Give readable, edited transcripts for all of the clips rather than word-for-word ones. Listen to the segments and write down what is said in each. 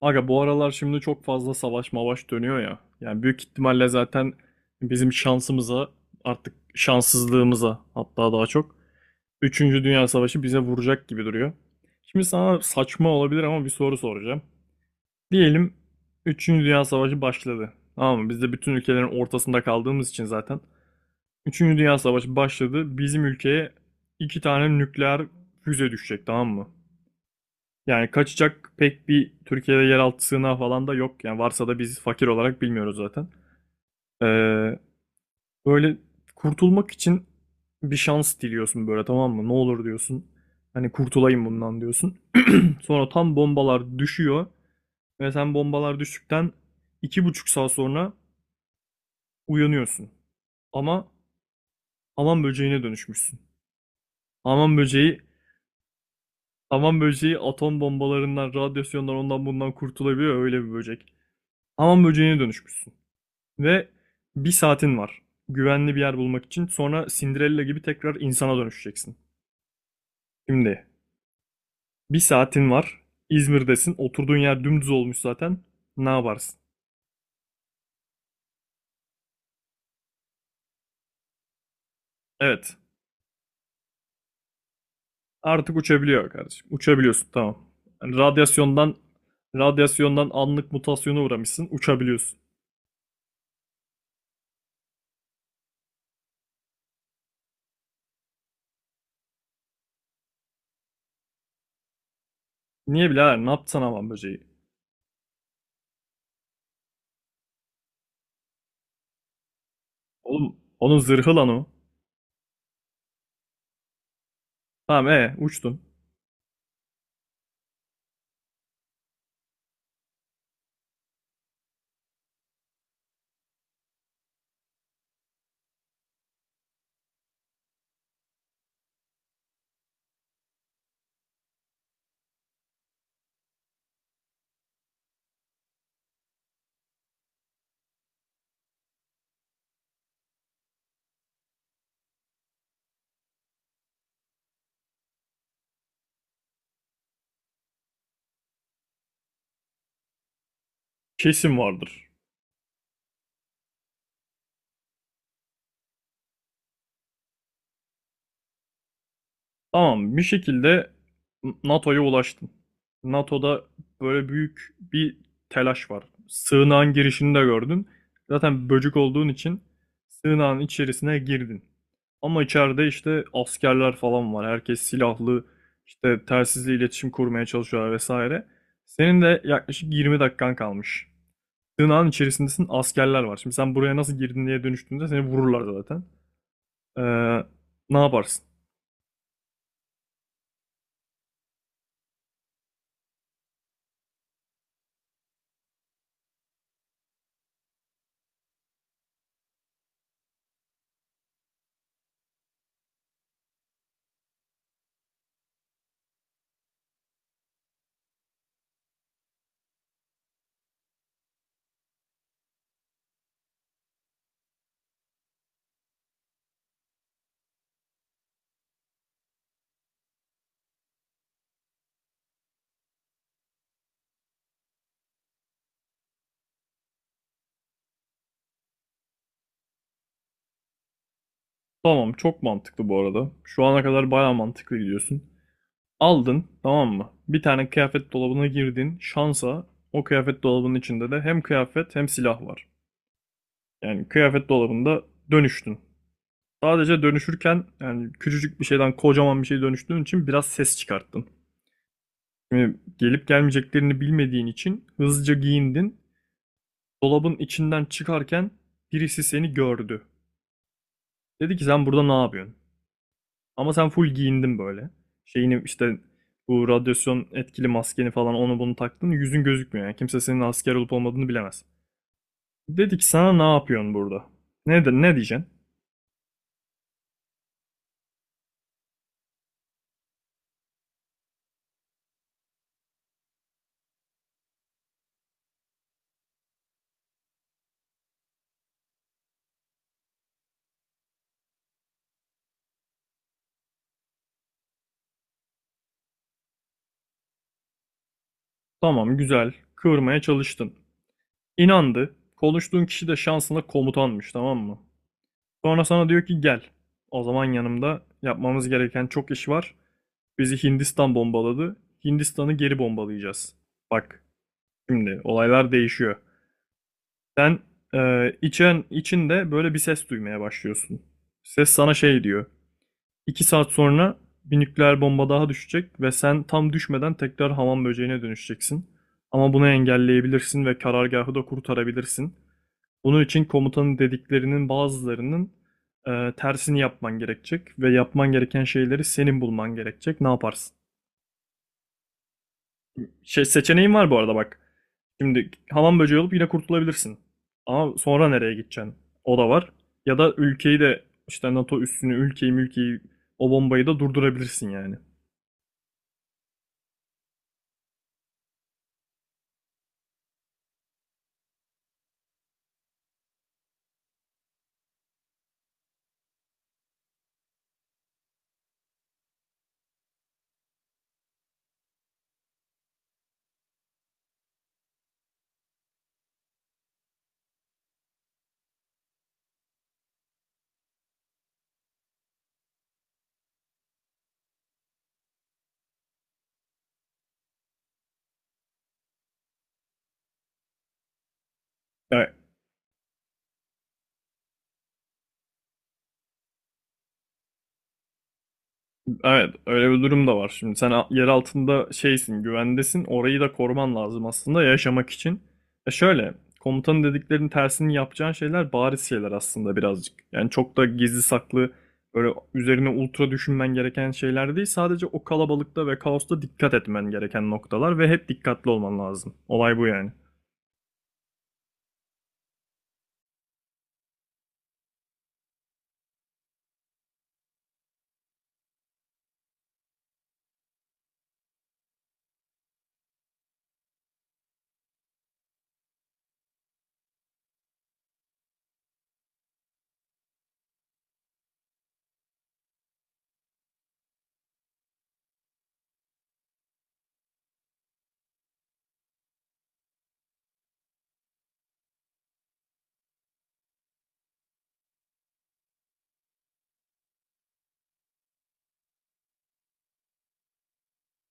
Aga bu aralar şimdi çok fazla savaş mavaş dönüyor ya. Yani büyük ihtimalle zaten bizim şansımıza artık şanssızlığımıza hatta daha çok üçüncü Dünya Savaşı bize vuracak gibi duruyor. Şimdi sana saçma olabilir ama bir soru soracağım. Diyelim üçüncü Dünya Savaşı başladı. Tamam mı? Biz de bütün ülkelerin ortasında kaldığımız için zaten. Üçüncü Dünya Savaşı başladı. Bizim ülkeye iki tane nükleer füze düşecek tamam mı? Yani kaçacak pek bir Türkiye'de yeraltı sığınağı falan da yok. Yani varsa da biz fakir olarak bilmiyoruz zaten. Ee, böyle kurtulmak için bir şans diliyorsun böyle tamam mı? Ne olur diyorsun. Hani kurtulayım bundan diyorsun. Sonra tam bombalar düşüyor ve sen bombalar düştükten 2,5 saat sonra uyanıyorsun. Ama aman böceğine dönüşmüşsün. Aman böceği, aman böceği atom bombalarından, radyasyondan ondan bundan kurtulabiliyor öyle bir böcek. Aman böceğine dönüşmüşsün. Ve bir saatin var. Güvenli bir yer bulmak için. Sonra Cinderella gibi tekrar insana dönüşeceksin. Şimdi bir saatin var. İzmir'desin. Oturduğun yer dümdüz olmuş zaten. Ne yaparsın? Evet. Artık uçabiliyor kardeşim. Uçabiliyorsun tamam. Yani radyasyondan anlık mutasyona uğramışsın. Uçabiliyorsun. Niye birader? Ne yaptın aman böceği? Oğlum onun zırhı lan o. Tamam uçtun. Kesin vardır. Tamam bir şekilde NATO'ya ulaştım. NATO'da böyle büyük bir telaş var. Sığınağın girişini de gördün. Zaten böcük olduğun için sığınağın içerisine girdin. Ama içeride işte askerler falan var. Herkes silahlı, işte telsizle iletişim kurmaya çalışıyorlar vesaire. Senin de yaklaşık 20 dakikan kalmış. Sığınağın içerisindesin, askerler var. Şimdi sen buraya nasıl girdin diye dönüştüğünde seni vururlar zaten. Ee, ne yaparsın? Tamam çok mantıklı bu arada. Şu ana kadar baya mantıklı gidiyorsun. Aldın tamam mı? Bir tane kıyafet dolabına girdin. Şansa o kıyafet dolabının içinde de hem kıyafet hem silah var. Yani kıyafet dolabında dönüştün. Sadece dönüşürken yani küçücük bir şeyden kocaman bir şey dönüştüğün için biraz ses çıkarttın. Şimdi gelip gelmeyeceklerini bilmediğin için hızlıca giyindin. Dolabın içinden çıkarken birisi seni gördü. Dedi ki sen burada ne yapıyorsun? Ama sen full giyindin böyle. Şeyini işte bu radyasyon etkili maskeni falan onu bunu taktın. Yüzün gözükmüyor yani. Kimse senin asker olup olmadığını bilemez. Dedik sana ne yapıyorsun burada? Ne, de, ne diyeceksin? Tamam güzel. Kıvırmaya çalıştın. İnandı. Konuştuğun kişi de şansına komutanmış tamam mı? Sonra sana diyor ki gel. O zaman yanımda yapmamız gereken çok iş var. Bizi Hindistan bombaladı. Hindistan'ı geri bombalayacağız. Bak şimdi olaylar değişiyor. Sen e, içen içinde böyle bir ses duymaya başlıyorsun. Ses sana şey diyor. 2 saat sonra bir nükleer bomba daha düşecek ve sen tam düşmeden tekrar hamam böceğine dönüşeceksin. Ama bunu engelleyebilirsin ve karargahı da kurtarabilirsin. Bunun için komutanın dediklerinin bazılarının tersini yapman gerekecek ve yapman gereken şeyleri senin bulman gerekecek. Ne yaparsın? Şey, seçeneğin var bu arada bak. Şimdi hamam böceği olup yine kurtulabilirsin. Ama sonra nereye gideceksin? O da var. Ya da ülkeyi de işte NATO üssünü, ülkeyi mülkeyi o bombayı da durdurabilirsin yani. Ya, evet, öyle bir durum da var. Şimdi sen yer altında şeysin, güvendesin. Orayı da koruman lazım aslında yaşamak için. E şöyle, komutanın dediklerinin tersini yapacağın şeyler bariz şeyler aslında birazcık. Yani çok da gizli saklı, böyle üzerine ultra düşünmen gereken şeyler değil. Sadece o kalabalıkta ve kaosta dikkat etmen gereken noktalar ve hep dikkatli olman lazım. Olay bu yani.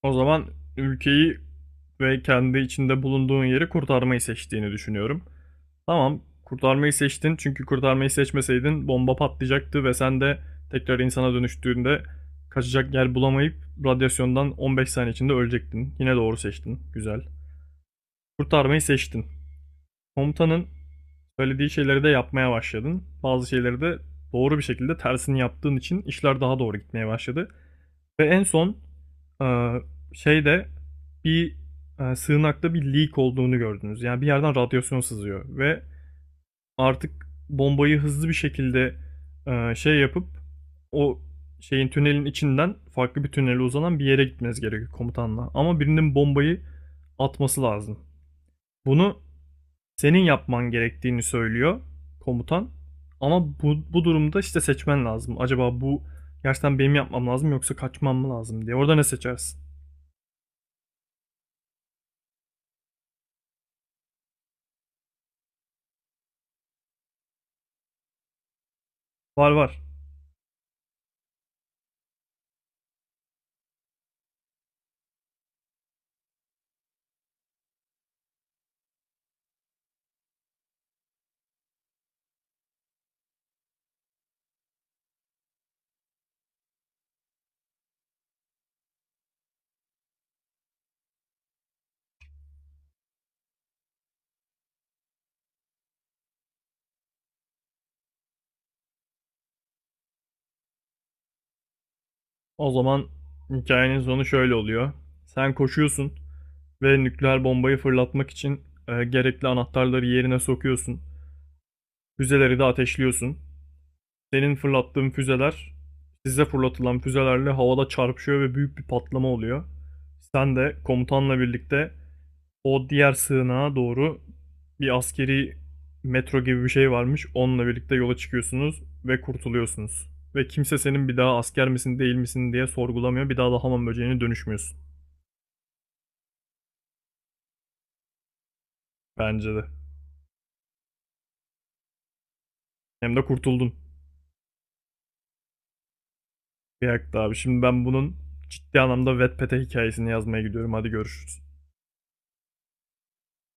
O zaman ülkeyi ve kendi içinde bulunduğun yeri kurtarmayı seçtiğini düşünüyorum. Tamam, kurtarmayı seçtin çünkü kurtarmayı seçmeseydin bomba patlayacaktı ve sen de tekrar insana dönüştüğünde kaçacak yer bulamayıp radyasyondan 15 saniye içinde ölecektin. Yine doğru seçtin. Güzel. Kurtarmayı seçtin. Komutanın söylediği şeyleri de yapmaya başladın. Bazı şeyleri de doğru bir şekilde tersini yaptığın için işler daha doğru gitmeye başladı. Ve en son e, şeyde bir sığınakta bir leak olduğunu gördünüz. Yani bir yerden radyasyon sızıyor ve artık bombayı hızlı bir şekilde şey yapıp o şeyin tünelin içinden farklı bir tünele uzanan bir yere gitmeniz gerekiyor komutanla. Ama birinin bombayı atması lazım. Bunu senin yapman gerektiğini söylüyor komutan. Ama bu durumda işte seçmen lazım. Acaba bu gerçekten benim yapmam lazım yoksa kaçmam mı lazım diye. Orada ne seçersin? Var var. O zaman hikayenin sonu şöyle oluyor. Sen koşuyorsun ve nükleer bombayı fırlatmak için gerekli anahtarları yerine sokuyorsun. Füzeleri de ateşliyorsun. Senin fırlattığın füzeler size fırlatılan füzelerle havada çarpışıyor ve büyük bir patlama oluyor. Sen de komutanla birlikte o diğer sığınağa doğru bir askeri metro gibi bir şey varmış. Onunla birlikte yola çıkıyorsunuz ve kurtuluyorsunuz. Ve kimse senin bir daha asker misin değil misin diye sorgulamıyor. Bir daha da hamam böceğine dönüşmüyorsun. Bence de. Hem de kurtuldun. Bir dakika abi. Şimdi ben bunun ciddi anlamda Wattpad'e hikayesini yazmaya gidiyorum. Hadi görüşürüz.